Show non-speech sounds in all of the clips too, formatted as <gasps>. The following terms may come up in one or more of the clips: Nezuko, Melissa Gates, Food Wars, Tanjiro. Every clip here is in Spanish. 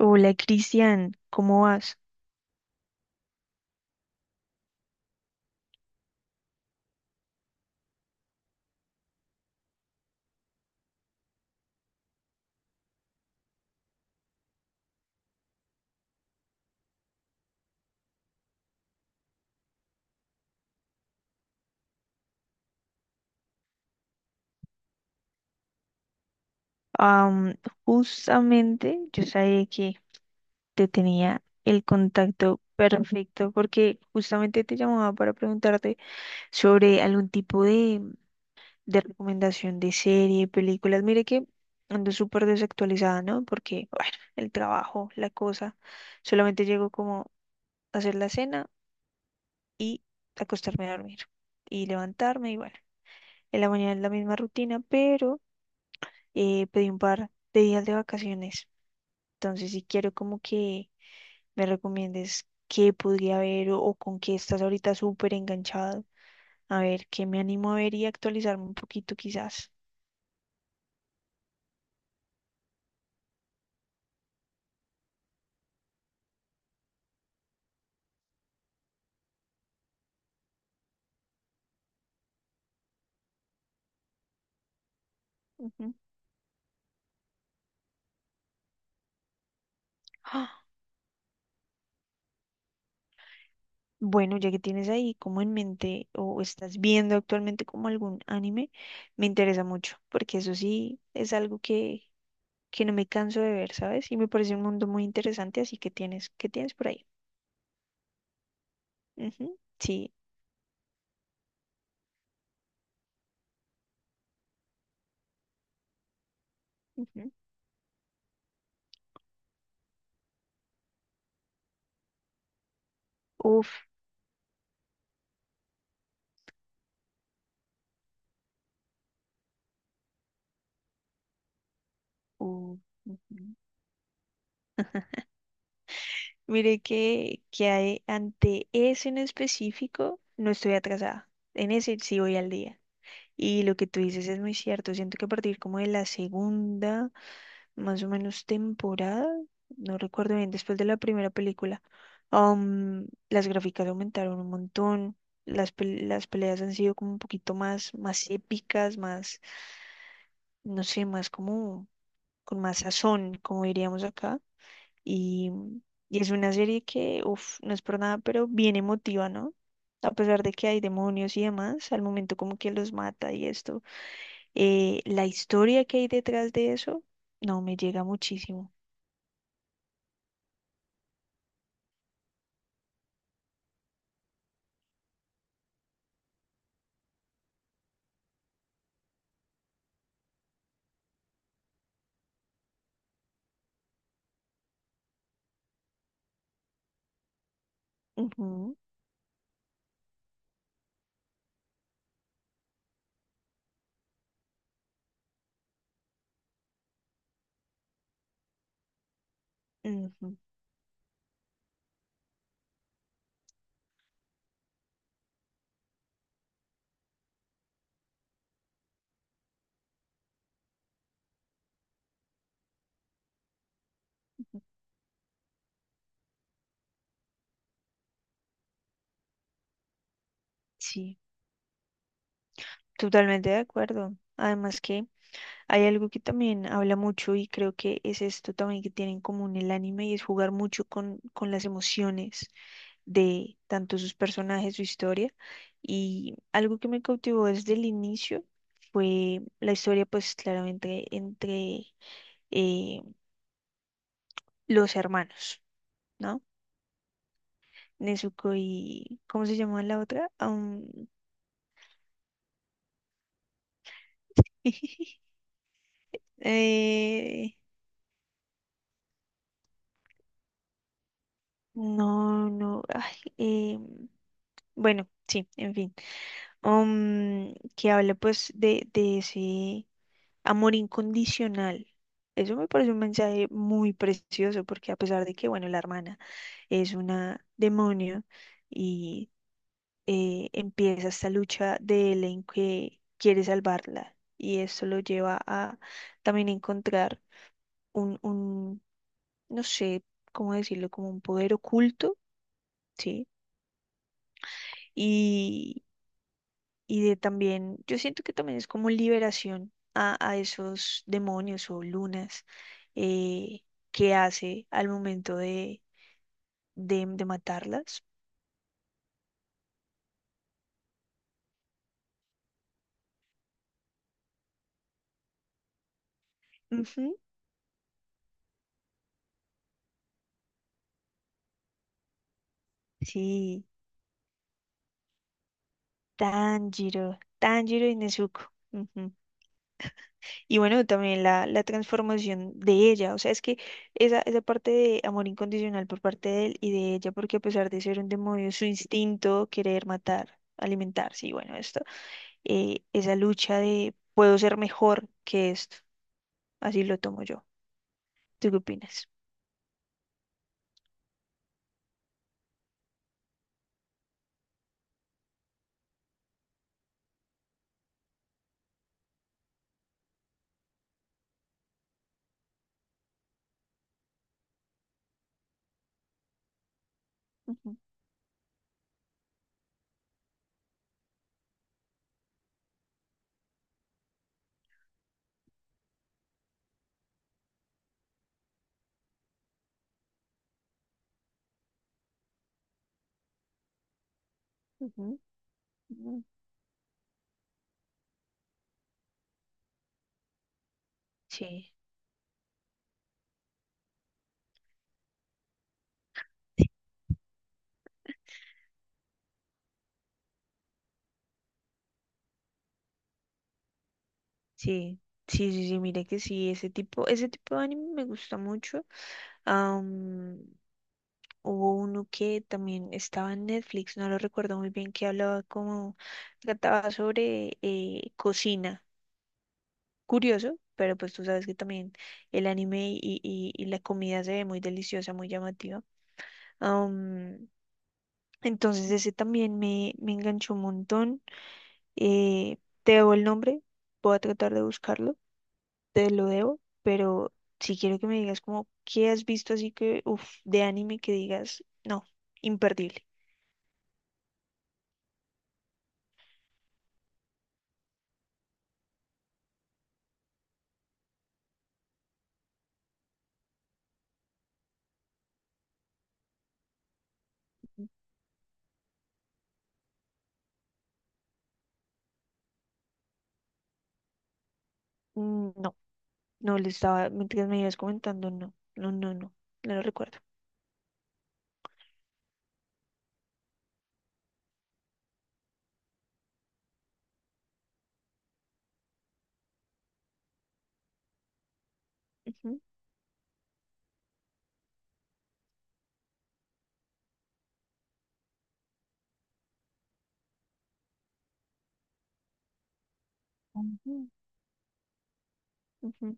Hola Cristian, ¿cómo vas? Am, Justamente yo sabía que te tenía el contacto perfecto porque justamente te llamaba para preguntarte sobre algún tipo de recomendación de serie, películas. Mire que ando súper desactualizada, ¿no? Porque, bueno, el trabajo, la cosa, solamente llego como a hacer la cena y acostarme a dormir y levantarme y bueno, en la mañana es la misma rutina, pero pedí un par de días de vacaciones. Entonces, si quiero como que me recomiendes qué podría ver o con qué estás ahorita súper enganchado. A ver, qué me animo a ver y actualizarme un poquito quizás. Ujú. ¡Ah! Bueno, ya que tienes ahí como en mente o estás viendo actualmente como algún anime, me interesa mucho, porque eso sí es algo que no me canso de ver, ¿sabes? Y me parece un mundo muy interesante, así que tienes, ¿qué tienes por ahí? Ujú, sí. Ujú. Uf. Uh, ujú. Mire que, ante ese en específico no estoy atrasada. En ese sí voy al día. Y lo que tú dices es muy cierto. Siento que a partir como de la segunda, más o menos temporada, no recuerdo bien, después de la primera película, las gráficas aumentaron un montón. Las peleas han sido como un poquito más, más épicas, más, no sé, más como con más sazón, como diríamos acá. Y, y es una serie que, uff, no es por nada, pero bien emotiva, ¿no? A pesar de que hay demonios y demás, al momento como que los mata y esto, la historia que hay detrás de eso, no, me llega muchísimo. Ujú, ujú, sí, totalmente de acuerdo. Además que hay algo que también habla mucho y creo que es esto también que tiene en común el anime y es jugar mucho con las emociones de tanto sus personajes, su historia. Y algo que me cautivó desde el inicio fue la historia, pues claramente entre eh, los hermanos, ¿no? Nezuko y... ¿Cómo se llama la otra? <laughs> Eh, no, no. Ay, em, bueno, sí, en fin. Que habla pues de ese amor incondicional. Eso me parece un mensaje muy precioso porque a pesar de que, bueno, la hermana es una demonio y empieza esta lucha de él en que quiere salvarla y esto lo lleva a también encontrar un no sé cómo decirlo, como un poder oculto, ¿sí? Y de también, yo siento que también es como liberación a esos demonios o lunas eh, que hace al momento de matarlas. Ujú, sí, Tanjiro, Tanjiro y Nezuko. Ujú. Y bueno, también la transformación de ella, o sea, es que esa parte de amor incondicional por parte de él y de ella, porque a pesar de ser un demonio, su instinto, querer matar, alimentarse, y bueno, es esa lucha de puedo ser mejor que esto. Así lo tomo yo. ¿Tú qué opinas? Ujú, ujú, ujú. Sí, sí, sí, sí, sí, mire que sí, ese tipo de anime me gusta mucho. Am, Hubo uno que también estaba en Netflix, no lo recuerdo muy bien, que hablaba como, trataba sobre cocina. Curioso, pero pues tú sabes que también el anime y la comida se ve muy deliciosa, muy llamativa. Entonces ese también me enganchó un montón. Eh, Te debo el nombre, voy a tratar de buscarlo, te lo debo, pero si quiero que me digas como qué has visto así que, uff, de anime que digas, no, imperdible. Mm, no, no le estaba, mientras me ibas comentando, no, no, no, no, no lo recuerdo. Ujú, ujú, ujú,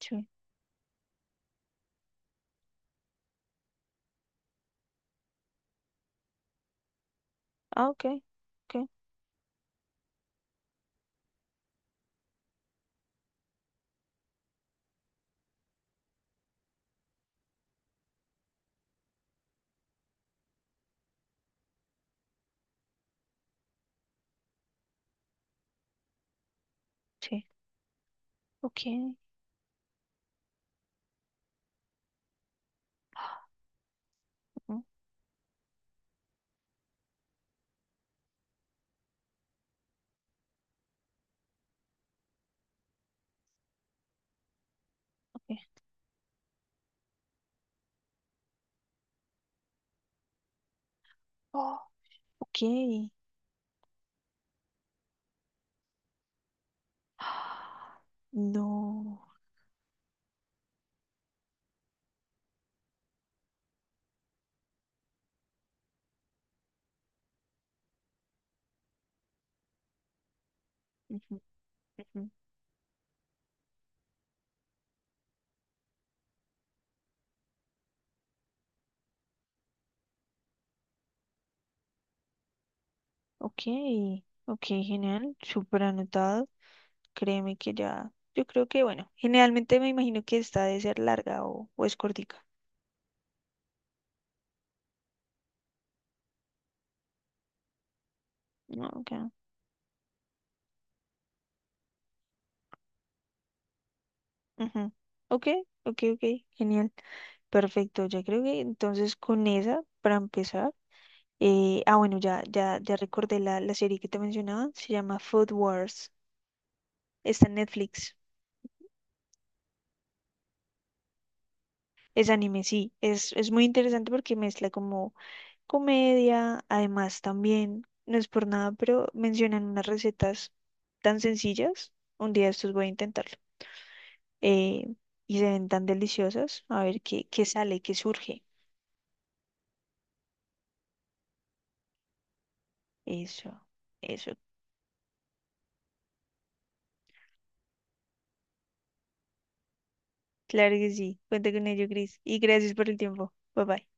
sí. Ah, ok, ok, sí, ok. <gasps> Ah, ujú, ok. <gasps> Ah, ok. Ah, no. Ujú, ujú. Ok, ok, genial, súper anotado. Créeme que ya, yo creo que, bueno, generalmente me imagino que esta debe ser larga o es cortica. No, ok. Ujú. Ok, ok, ok, genial, perfecto. Ya creo que entonces con esa, para empezar, bueno, ya, ya, ya recordé la serie que te mencionaba, se llama Food Wars, está en Netflix, es anime, sí, es muy interesante porque mezcla como comedia, además también, no es por nada, pero mencionan unas recetas tan sencillas. Un día de estos voy a intentarlo. eh, y se ven tan deliciosas. A ver qué, qué sale, qué surge. Eso, eso. Claro que sí. Cuenta con ello, Cris. Y gracias por el tiempo. Bye bye.